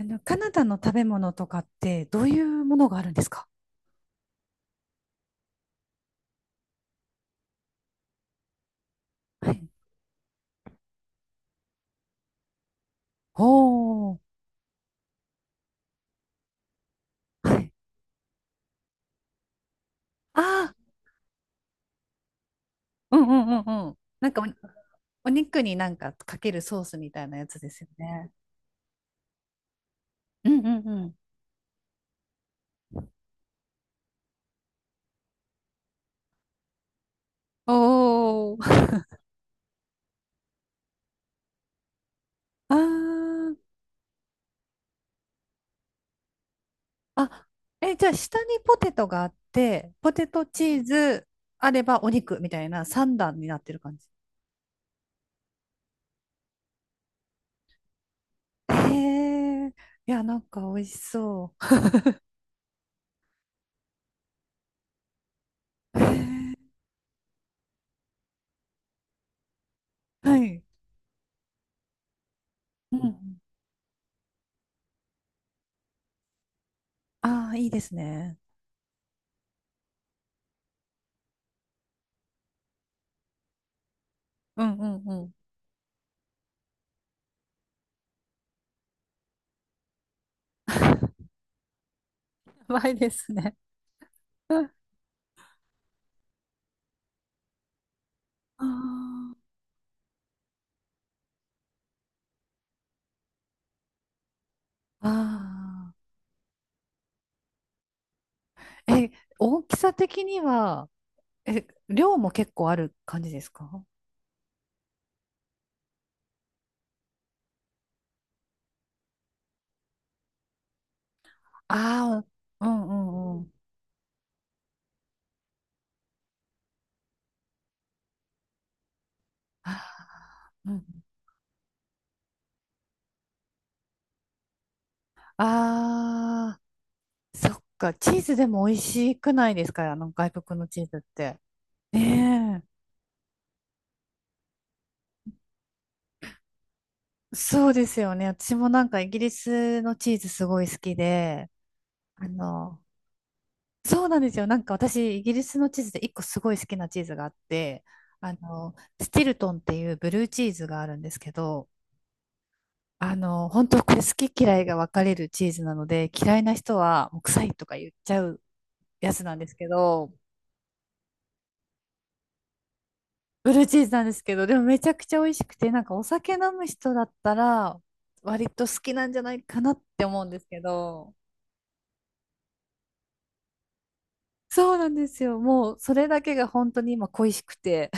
カナダの食べ物とかってどういうものがあるんですか？はい。おー。はい。ああ、うんうん。なんかお肉になんかかけるソースみたいなやつですよね。うんうんうん。おお。ああ。え、じゃあ下にポテトがあって、ポテトチーズあればお肉みたいな三段になってる感じ。へえ。いや、なんか美味しそう。へえ。はい。うんうん。ああ、いいですね。うんうんうん。 やばいですね。ああー。え、大きさ的には、え、量も結構ある感じですか？ああー、うんうんうん。あー、うん。あー、そっか。チーズでも美味しくないですか、あの外国のチーズって。ねえ。そうですよね。私もなんかイギリスのチーズすごい好きで、あの、そうなんですよ。なんか私、イギリスのチーズで一個すごい好きなチーズがあって、あの、スティルトンっていうブルーチーズがあるんですけど、本当これ好き嫌いが分かれるチーズなので、嫌いな人はもう臭いとか言っちゃうやつなんですけど、ブルーチーズなんですけど、でもめちゃくちゃ美味しくて、なんかお酒飲む人だったら、割と好きなんじゃないかなって思うんですけど、そうなんですよ。もうそれだけが本当に今恋しくて。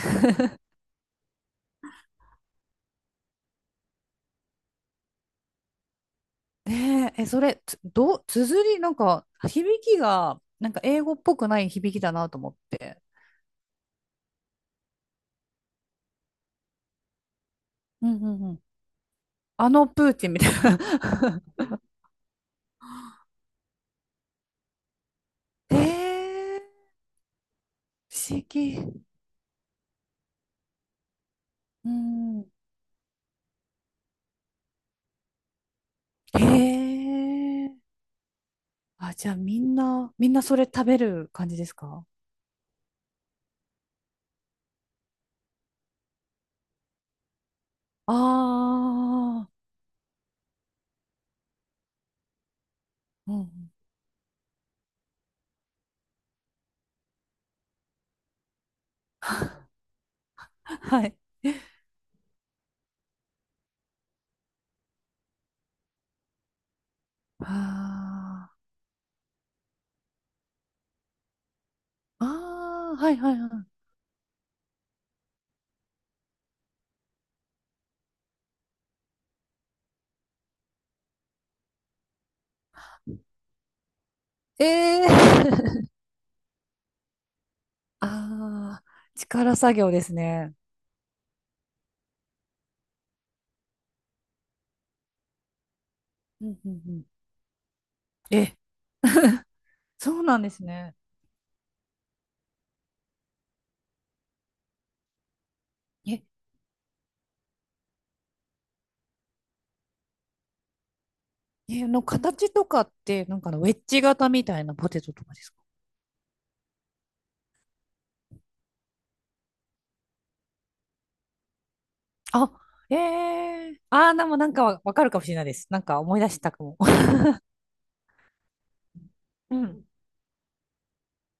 ねえ、え、それ、つ、どう、綴り、なんか、響きが、なんか英語っぽくない響きだなと思って。うんうんうん。あのプーチンみたいな。 えー、不思議。うん。へえ。あ、じゃあみんなそれ食べる感じですか？ああー、うんうん。はい。ああ、はいはいはい。ええー。ああ、力作業ですね。うんうんうん。え、そうなんですね。え、え、あの形とかって、なんかあのウェッジ型みたいなポテトとかですか？あ、ええ。ああー、でもなんかわかるかもしれないです。なんか思い出したかも。うん。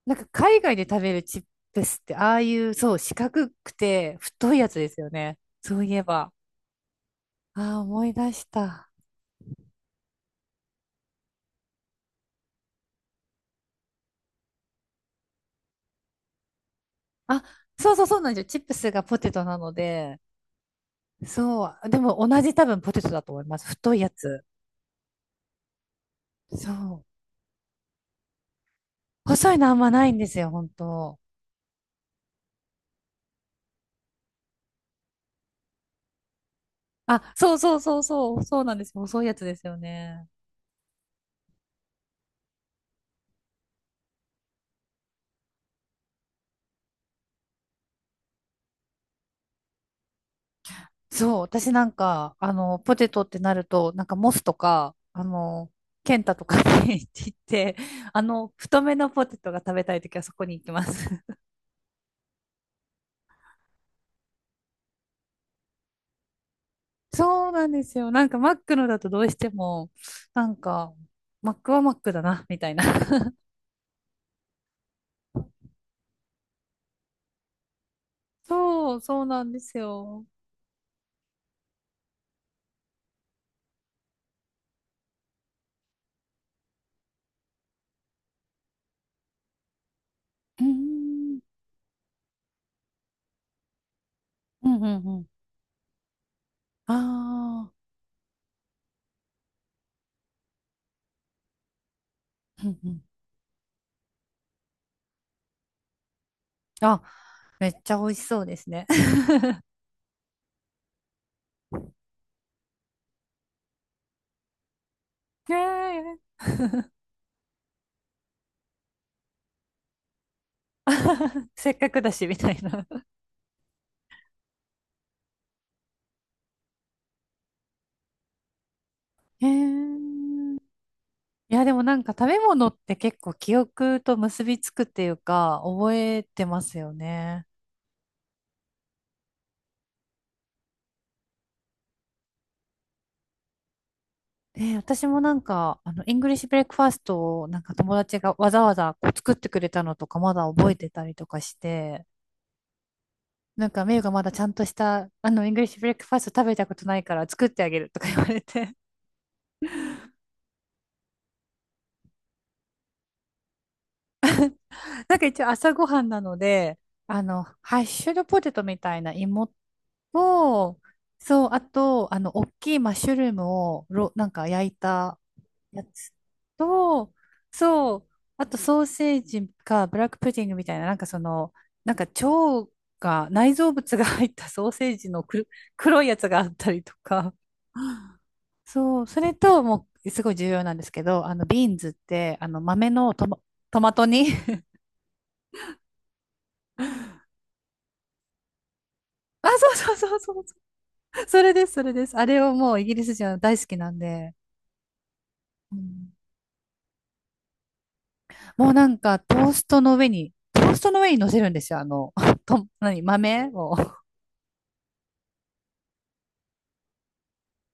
なんか海外で食べるチップスって、ああいう、そう、四角くて太いやつですよね、そういえば。ああ、思い出した。あ、そうそうそうなんですよ。チップスがポテトなので、そう。でも同じ多分ポテトだと思います、太いやつ。そう。細いのあんまないんですよ、本当。あ、そうそうそうそう、そうなんですよ。細いやつですよね。そう、私なんか、ポテトってなると、なんかモスとか、ケンタとかに 行って、太めのポテトが食べたいときはそこに行きます。そうなんですよ。なんかマックのだとどうしても、なんか、マックはマックだな、みたいな。そう、そうなんですよ。うーん、うん、うん、うん。ああ、うん、うん。あ、めっちゃ美味しそうですね。ねえ。 せっかくだし、みたいな。へー。いや、でもなんか食べ物って結構記憶と結びつくっていうか、覚えてますよね。で、私もなんか、イングリッシュブレックファーストをなんか友達がわざわざこう作ってくれたのとかまだ覚えてたりとかして、なんか、メイがまだちゃんとした、イングリッシュブレックファースト食べたことないから作ってあげるとか言われて。 なんか一応朝ごはんなので、ハッシュドポテトみたいな芋を、そう、あと、大きいマッシュルームを、なんか焼いたやつと、そう、あとソーセージかブラックプディングみたいな、なんかその、なんか内臓物が入った ソーセージのく黒いやつがあったりとか、そう、それと、もう、すごい重要なんですけど、ビーンズって、豆のトマ、トマト煮。 あ、そうそうそうそうそう、それです、それです。あれをもうイギリス人は大好きなんで、うん。もうなんか、トーストの上に乗せるんですよ。あの、と、何、豆を。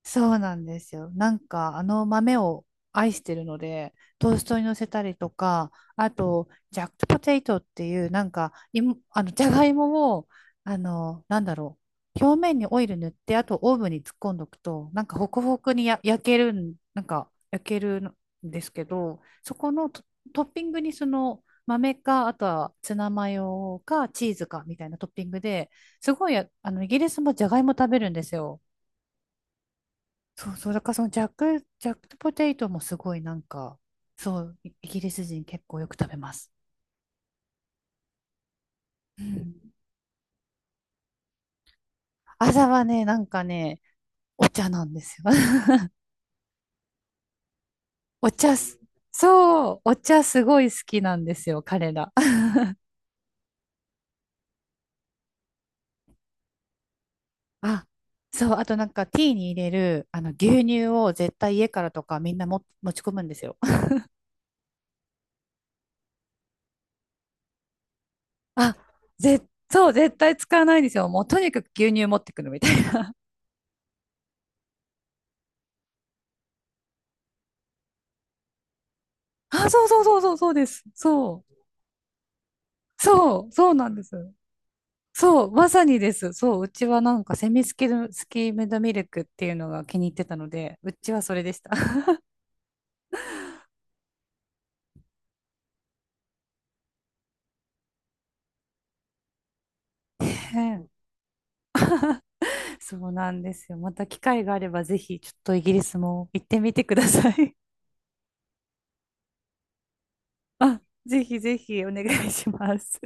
そうなんですよ。なんかあの豆を愛してるので、トーストに乗せたりとか、あと、ジャックポテイトっていう、なんか、いもあの、じゃがいもを、なんだろう、表面にオイル塗って、あとオーブンに突っ込んどくと、なんかホクホクにや焼けるん、なんか焼けるんですけど、そこのト、トッピングにその豆か、あとはツナマヨかチーズかみたいなトッピングで、すごい、イギリスもじゃがいも食べるんですよ。そうそう、だからジャックポテトもすごいなんか、そう、イギリス人結構よく食べます。うん。朝はね、なんかね、お茶なんですよ。お茶す、そう、お茶すごい好きなんですよ、彼ら。あ、そう、あとなんかティーに入れる、牛乳を絶対家からとかみんなも持ち込むんですよ。あ、ぜ、そう、絶対使わないんですよ。もうとにかく牛乳持ってくるみたいな。あ、そうそうそうそう、そうです。そう、そう、そうなんです。そう、まさにです。そう、うちはなんかセミスキル、スキームドミルクっていうのが気に入ってたので、うちはそれでした。ねえ。そうなんですよ。また機会があればぜひちょっとイギリスも行ってみてください。あ、ぜひぜひお願いします。